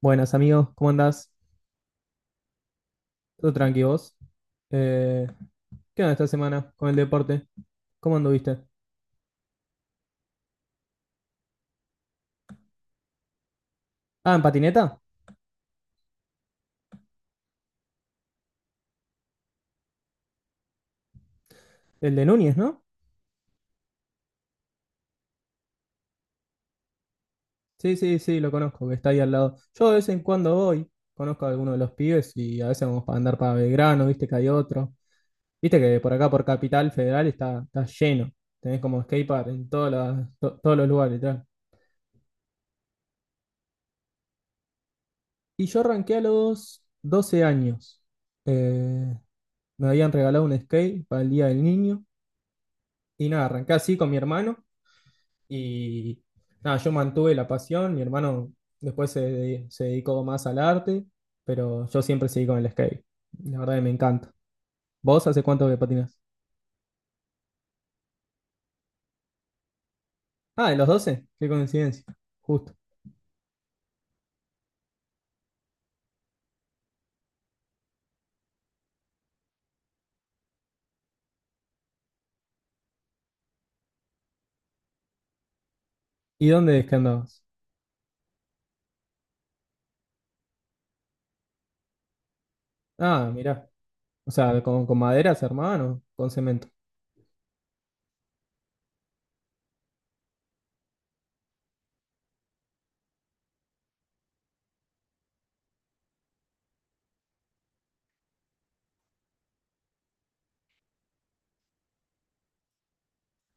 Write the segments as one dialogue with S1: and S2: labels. S1: Buenas amigos, ¿cómo andás? ¿Todo tranqui vos? Eh, ¿Qué onda esta semana con el deporte? ¿Cómo anduviste? Ah, ¿en patineta? El de Núñez, ¿no? Sí, sí, sí, lo conozco, que está ahí al lado. Yo de vez en cuando voy, conozco a alguno de los pibes y a veces vamos para andar para Belgrano, viste que hay otro. Viste que por acá, por Capital Federal, está lleno. Tenés como skatepark en todos los lugares, literal. Y yo arranqué a los 12 años. Eh, Me habían regalado un skate para el Día del Niño. Y nada, arranqué así con mi hermano y nada, yo mantuve la pasión, mi hermano después se dedicó más al arte, pero yo siempre seguí con el skate. La verdad que me encanta. ¿Vos hace cuánto que patinás? Ah, de los 12 qué coincidencia, justo. ¿Y dónde es que andabas? Ah, mirá, o sea, con maderas, hermano, con cemento.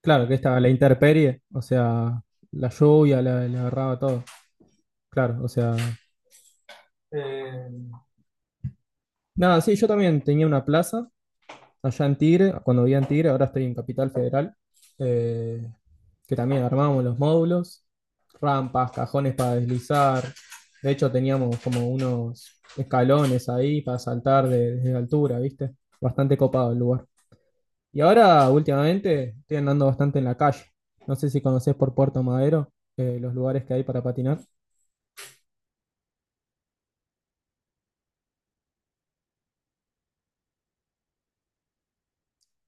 S1: Claro, que estaba la intemperie, o sea, la lluvia, la agarraba todo. Claro, o sea... eh, Nada, sí, yo también tenía una plaza allá en Tigre, cuando vivía en Tigre, ahora estoy en Capital Federal, eh, que también armábamos los módulos, rampas, cajones para deslizar. De hecho, teníamos como unos escalones ahí para saltar desde altura, ¿viste? Bastante copado el lugar. Y ahora, últimamente, estoy andando bastante en la calle. No sé si conocés por Puerto Madero, los lugares que hay para patinar.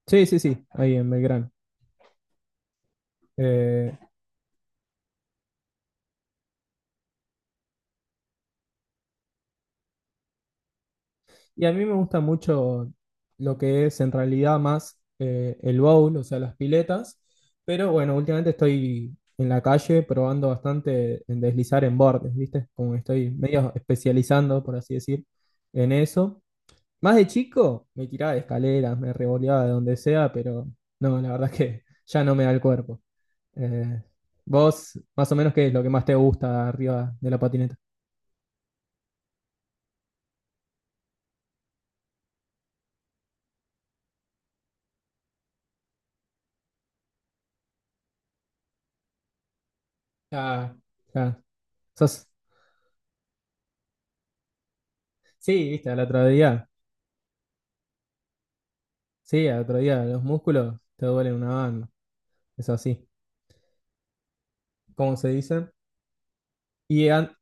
S1: Sí, sí, sí, ahí en Belgrano. Eh, Y a mí me gusta mucho lo que es en realidad más el bowl, o sea, las piletas. Pero bueno, últimamente estoy en la calle probando bastante en deslizar en bordes, ¿viste? Como que estoy medio especializando, por así decir, en eso. Más de chico me tiraba de escaleras, me revoleaba de donde sea, pero no, la verdad es que ya no me da el cuerpo. Eh, vos, más o menos, ¿qué es lo que más te gusta arriba de la patineta? Ah, ah, sos- sí, viste, al otro día. Sí, al otro día los músculos te duelen una banda. Es así, ¿cómo se dicen? Y an-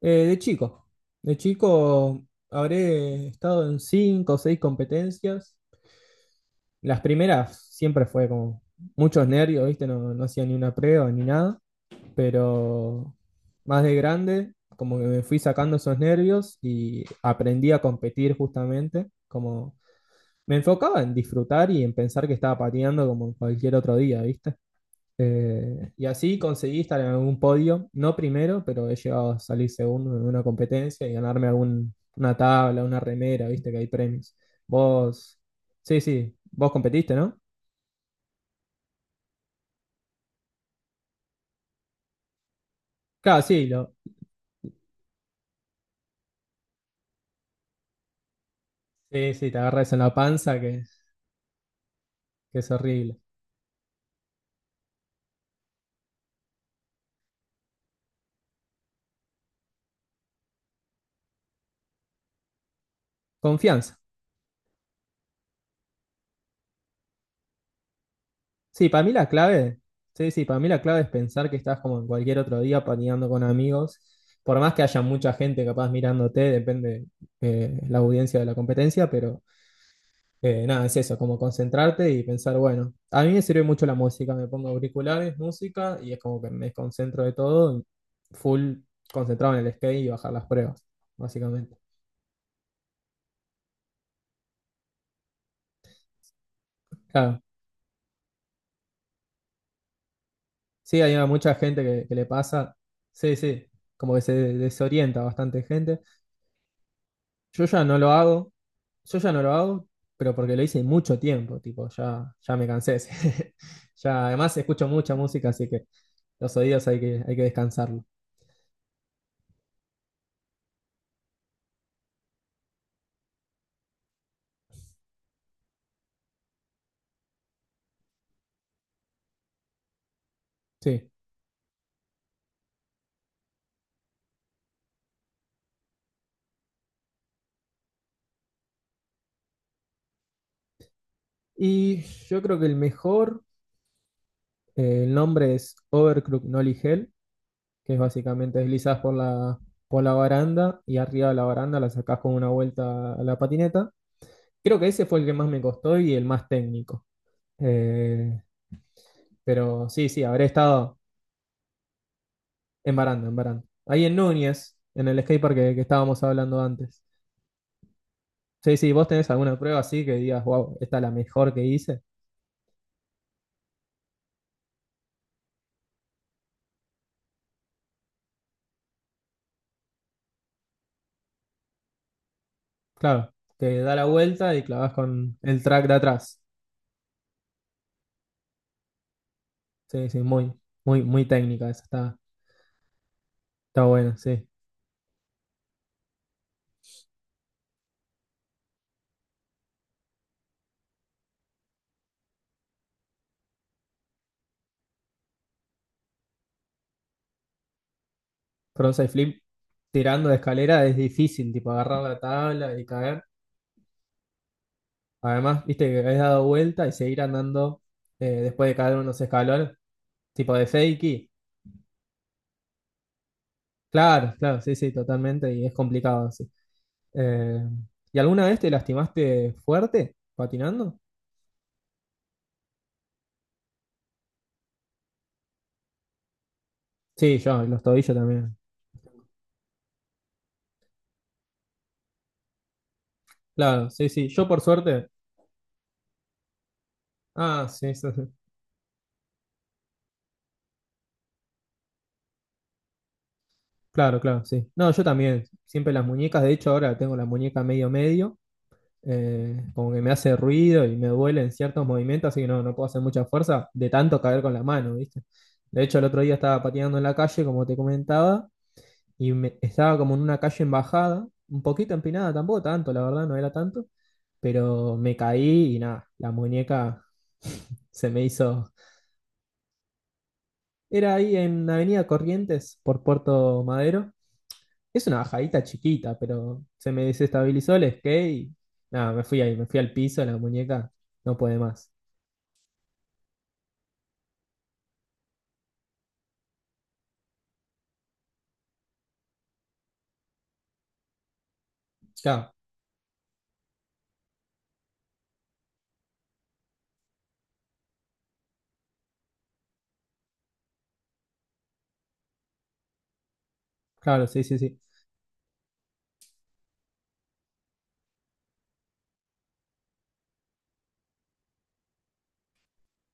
S1: de chico habré estado en cinco o seis competencias. Las primeras siempre fue como muchos nervios, ¿viste? No, no hacía ni una prueba ni nada, pero más de grande, como que me fui sacando esos nervios y aprendí a competir justamente, como me enfocaba en disfrutar y en pensar que estaba pateando como cualquier otro día, ¿viste? Y así conseguí estar en algún podio, no primero, pero he llegado a salir segundo en una competencia y ganarme algún, una tabla, una remera, viste que hay premios. Vos, sí, sí, vos competiste, ¿no? Claro, sí, sí, te agarras en la panza que es horrible. Confianza. Sí, para mí la clave, sí, sí, para mí la clave es pensar que estás como en cualquier otro día patinando con amigos, por más que haya mucha gente capaz mirándote, depende la audiencia de la competencia, pero nada, es eso, como concentrarte y pensar, bueno, a mí me sirve mucho la música, me pongo auriculares, música y es como que me desconcentro de todo, full concentrado en el skate y bajar las pruebas, básicamente. Claro, sí, hay mucha gente que le pasa, sí, sí, como que se desorienta bastante gente. Yo ya no lo hago, yo ya no lo hago, pero porque lo hice mucho tiempo, tipo, ya, ya me cansé. Ya, además escucho mucha música, así que los oídos hay que descansarlo. Sí. Y yo creo que el mejor, el nombre es Overclock Nolly Hell, que es básicamente deslizás por por la baranda y arriba de la baranda la sacás con una vuelta a la patineta. Creo que ese fue el que más me costó y el más técnico. Eh, pero sí, sí, habré estado en baranda, en baranda. Ahí en Núñez, en el skatepark que estábamos hablando antes. Sí, sí, vos tenés alguna prueba así que digas, wow, esta es la mejor que hice. Claro, te da la vuelta y clavas con el track de atrás. Sí, sí, muy, muy, muy técnica esa, está buena, sí. Frontside flip tirando de escalera es difícil, tipo agarrar la tabla y caer. Además, viste que has dado vuelta y seguir andando después de caer unos escalones, tipo de fakey. Claro, claro, sí, sí, totalmente, y es complicado sí. Eh, ¿Y alguna vez te lastimaste fuerte patinando? Sí, yo, los tobillos también. Claro, sí, sí, yo por suerte. Ah, sí, sí, sí. Claro, claro, sí. No, yo también, siempre las muñecas, de hecho ahora tengo la muñeca medio medio, como que me hace ruido y me duele en ciertos movimientos, así que no, no puedo hacer mucha fuerza de tanto caer con la mano, ¿viste? De hecho el otro día estaba pateando en la calle, como te comentaba, estaba como en una calle en bajada, un poquito empinada, tampoco tanto, la verdad, no era tanto, pero me caí y nada, la muñeca se me hizo... Era ahí en Avenida Corrientes por Puerto Madero. Es una bajadita chiquita, pero se me desestabilizó el skate y nada, me fui ahí, me fui al piso, la muñeca no puede más. Claro, claro, sí, sí, sí.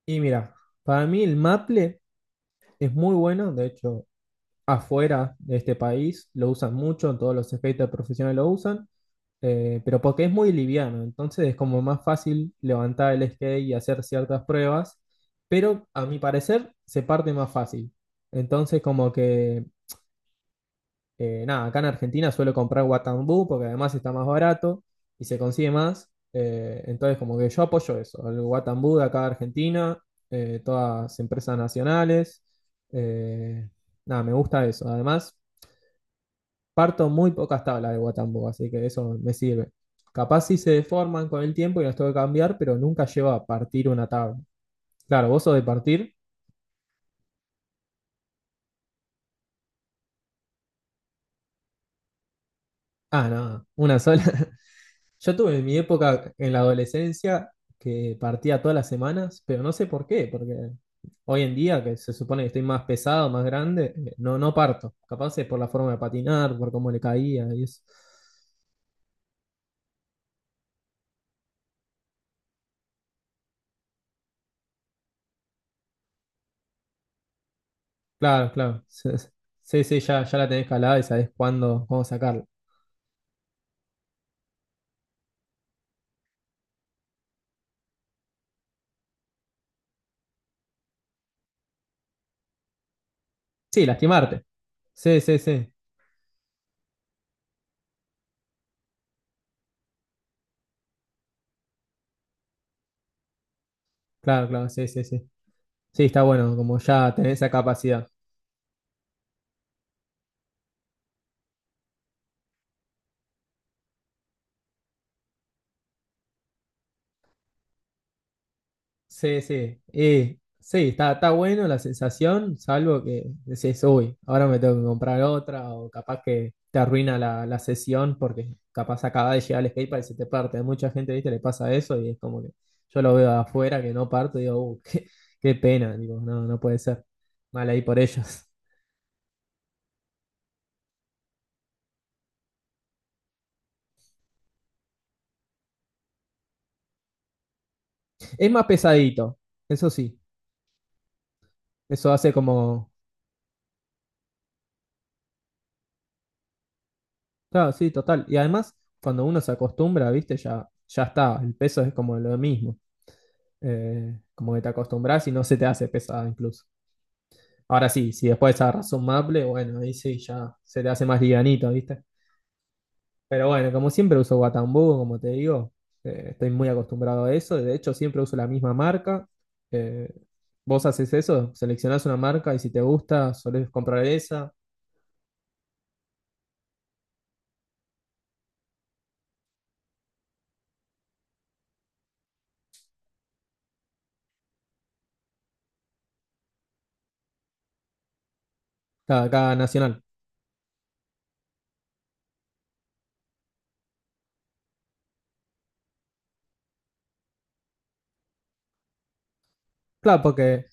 S1: Y mira, para mí el maple es muy bueno, de hecho, afuera de este país lo usan mucho, todos los skaters profesionales lo usan, pero porque es muy liviano, entonces es como más fácil levantar el skate y hacer ciertas pruebas, pero a mi parecer se parte más fácil. Entonces como que nada, acá en Argentina suelo comprar Guatambú porque además está más barato y se consigue más. Entonces, como que yo apoyo eso, el Guatambú de acá de Argentina, todas empresas nacionales. eh, nada, me gusta eso. Además, parto muy pocas tablas de Guatambú, así que eso me sirve. Capaz si se deforman con el tiempo y las tengo que cambiar, pero nunca llevo a partir una tabla. Claro, vos sos de partir. Ah, no, una sola. Yo tuve mi época en la adolescencia que partía todas las semanas, pero no sé por qué, porque hoy en día, que se supone que estoy más pesado, más grande, no, no parto. Capaz es por la forma de patinar, por cómo le caía y eso. Claro, claro. Sí, sí, sí, ya, ya la tenés calada y sabés cuándo, cómo sacarla. Sí, lastimarte. Sí, sí, sí. Claro, claro, sí, sí, sí. Sí, está bueno, como ya tenés esa capacidad. Sí, sí. Y sí, está, está bueno la sensación, salvo que decís, uy, ahora me tengo que comprar otra, o capaz que te arruina la sesión porque capaz acaba de llegar el skatepark y se te parte. A mucha gente, viste, le pasa eso y es como que yo lo veo de afuera que no parto y digo, qué, qué pena, digo, no, no puede ser. Mal ahí por ellos. Es más pesadito, eso sí. Eso hace como. Claro, sí, total. Y además, cuando uno se acostumbra, viste, ya, ya está. El peso es como lo mismo. Como que te acostumbras y no se te hace pesada incluso. Ahora sí, si después agarras un maple, bueno, ahí sí ya se te hace más livianito, ¿viste? Pero bueno, como siempre uso Guatambú, como te digo, estoy muy acostumbrado a eso. De hecho, siempre uso la misma marca. Eh, vos haces eso, seleccionás una marca y si te gusta, solés comprar esa. Cada nacional. Claro, porque,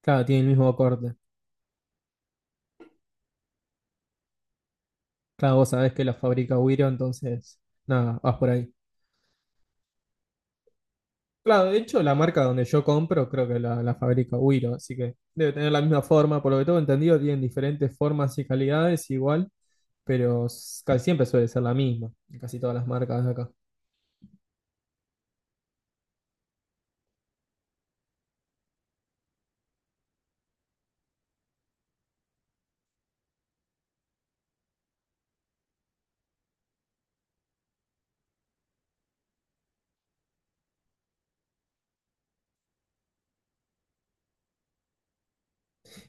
S1: claro, tiene el mismo corte. Claro, vos sabés que la fabrica Wiro, entonces, nada, vas por ahí. Claro, de hecho, la marca donde yo compro creo que la fabrica Wiro, así que debe tener la misma forma. Por lo que tengo entendido, tienen diferentes formas y calidades igual, pero casi siempre suele ser la misma, en casi todas las marcas de acá.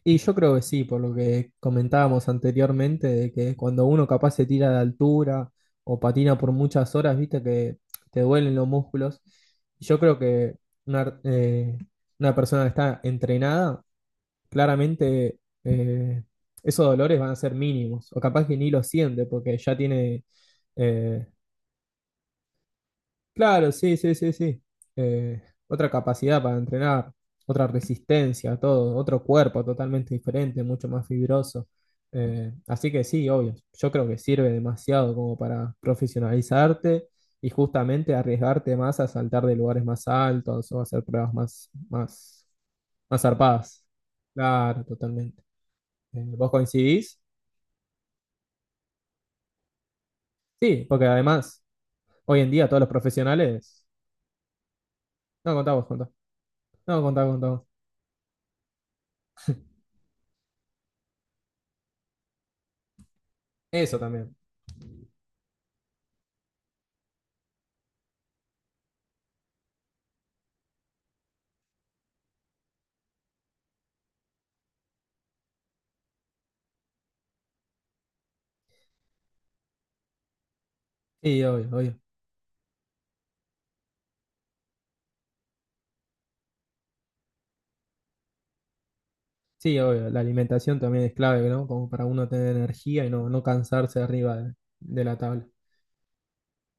S1: Y yo creo que sí, por lo que comentábamos anteriormente, de que cuando uno capaz se tira de altura o patina por muchas horas, viste que te duelen los músculos. Yo creo que una, eh, una persona que está entrenada, claramente eh, esos dolores van a ser mínimos, o capaz que ni lo siente porque ya tiene eh, claro, sí, sí, sí, sí. Eh, otra capacidad para entrenar, otra resistencia, todo, otro cuerpo totalmente diferente, mucho más fibroso. Así que sí, obvio, yo creo que sirve demasiado como para profesionalizarte y justamente arriesgarte más a saltar de lugares más altos o a hacer pruebas más zarpadas. Claro, totalmente. ¿Vos coincidís? Sí, porque además, hoy en día todos los profesionales... No, contá vos, contá. No, contá, contá vos. Eso también. Sí, obvio, obvio. Sí, obvio. La alimentación también es clave, ¿no? Como para uno tener energía y no, no cansarse arriba de la tabla.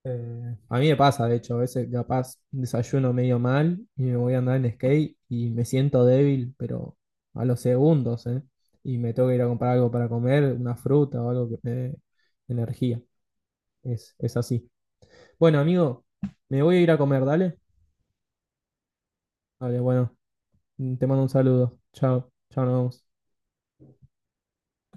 S1: A mí me pasa, de hecho, a veces capaz desayuno medio mal y me voy a andar en skate y me siento débil, pero a los segundos, ¿eh? Y me tengo que ir a comprar algo para comer, una fruta o algo que me dé energía. Es así. Bueno, amigo, me voy a ir a comer, dale. Vale, bueno, te mando un saludo. Chao, chao, nos vemos.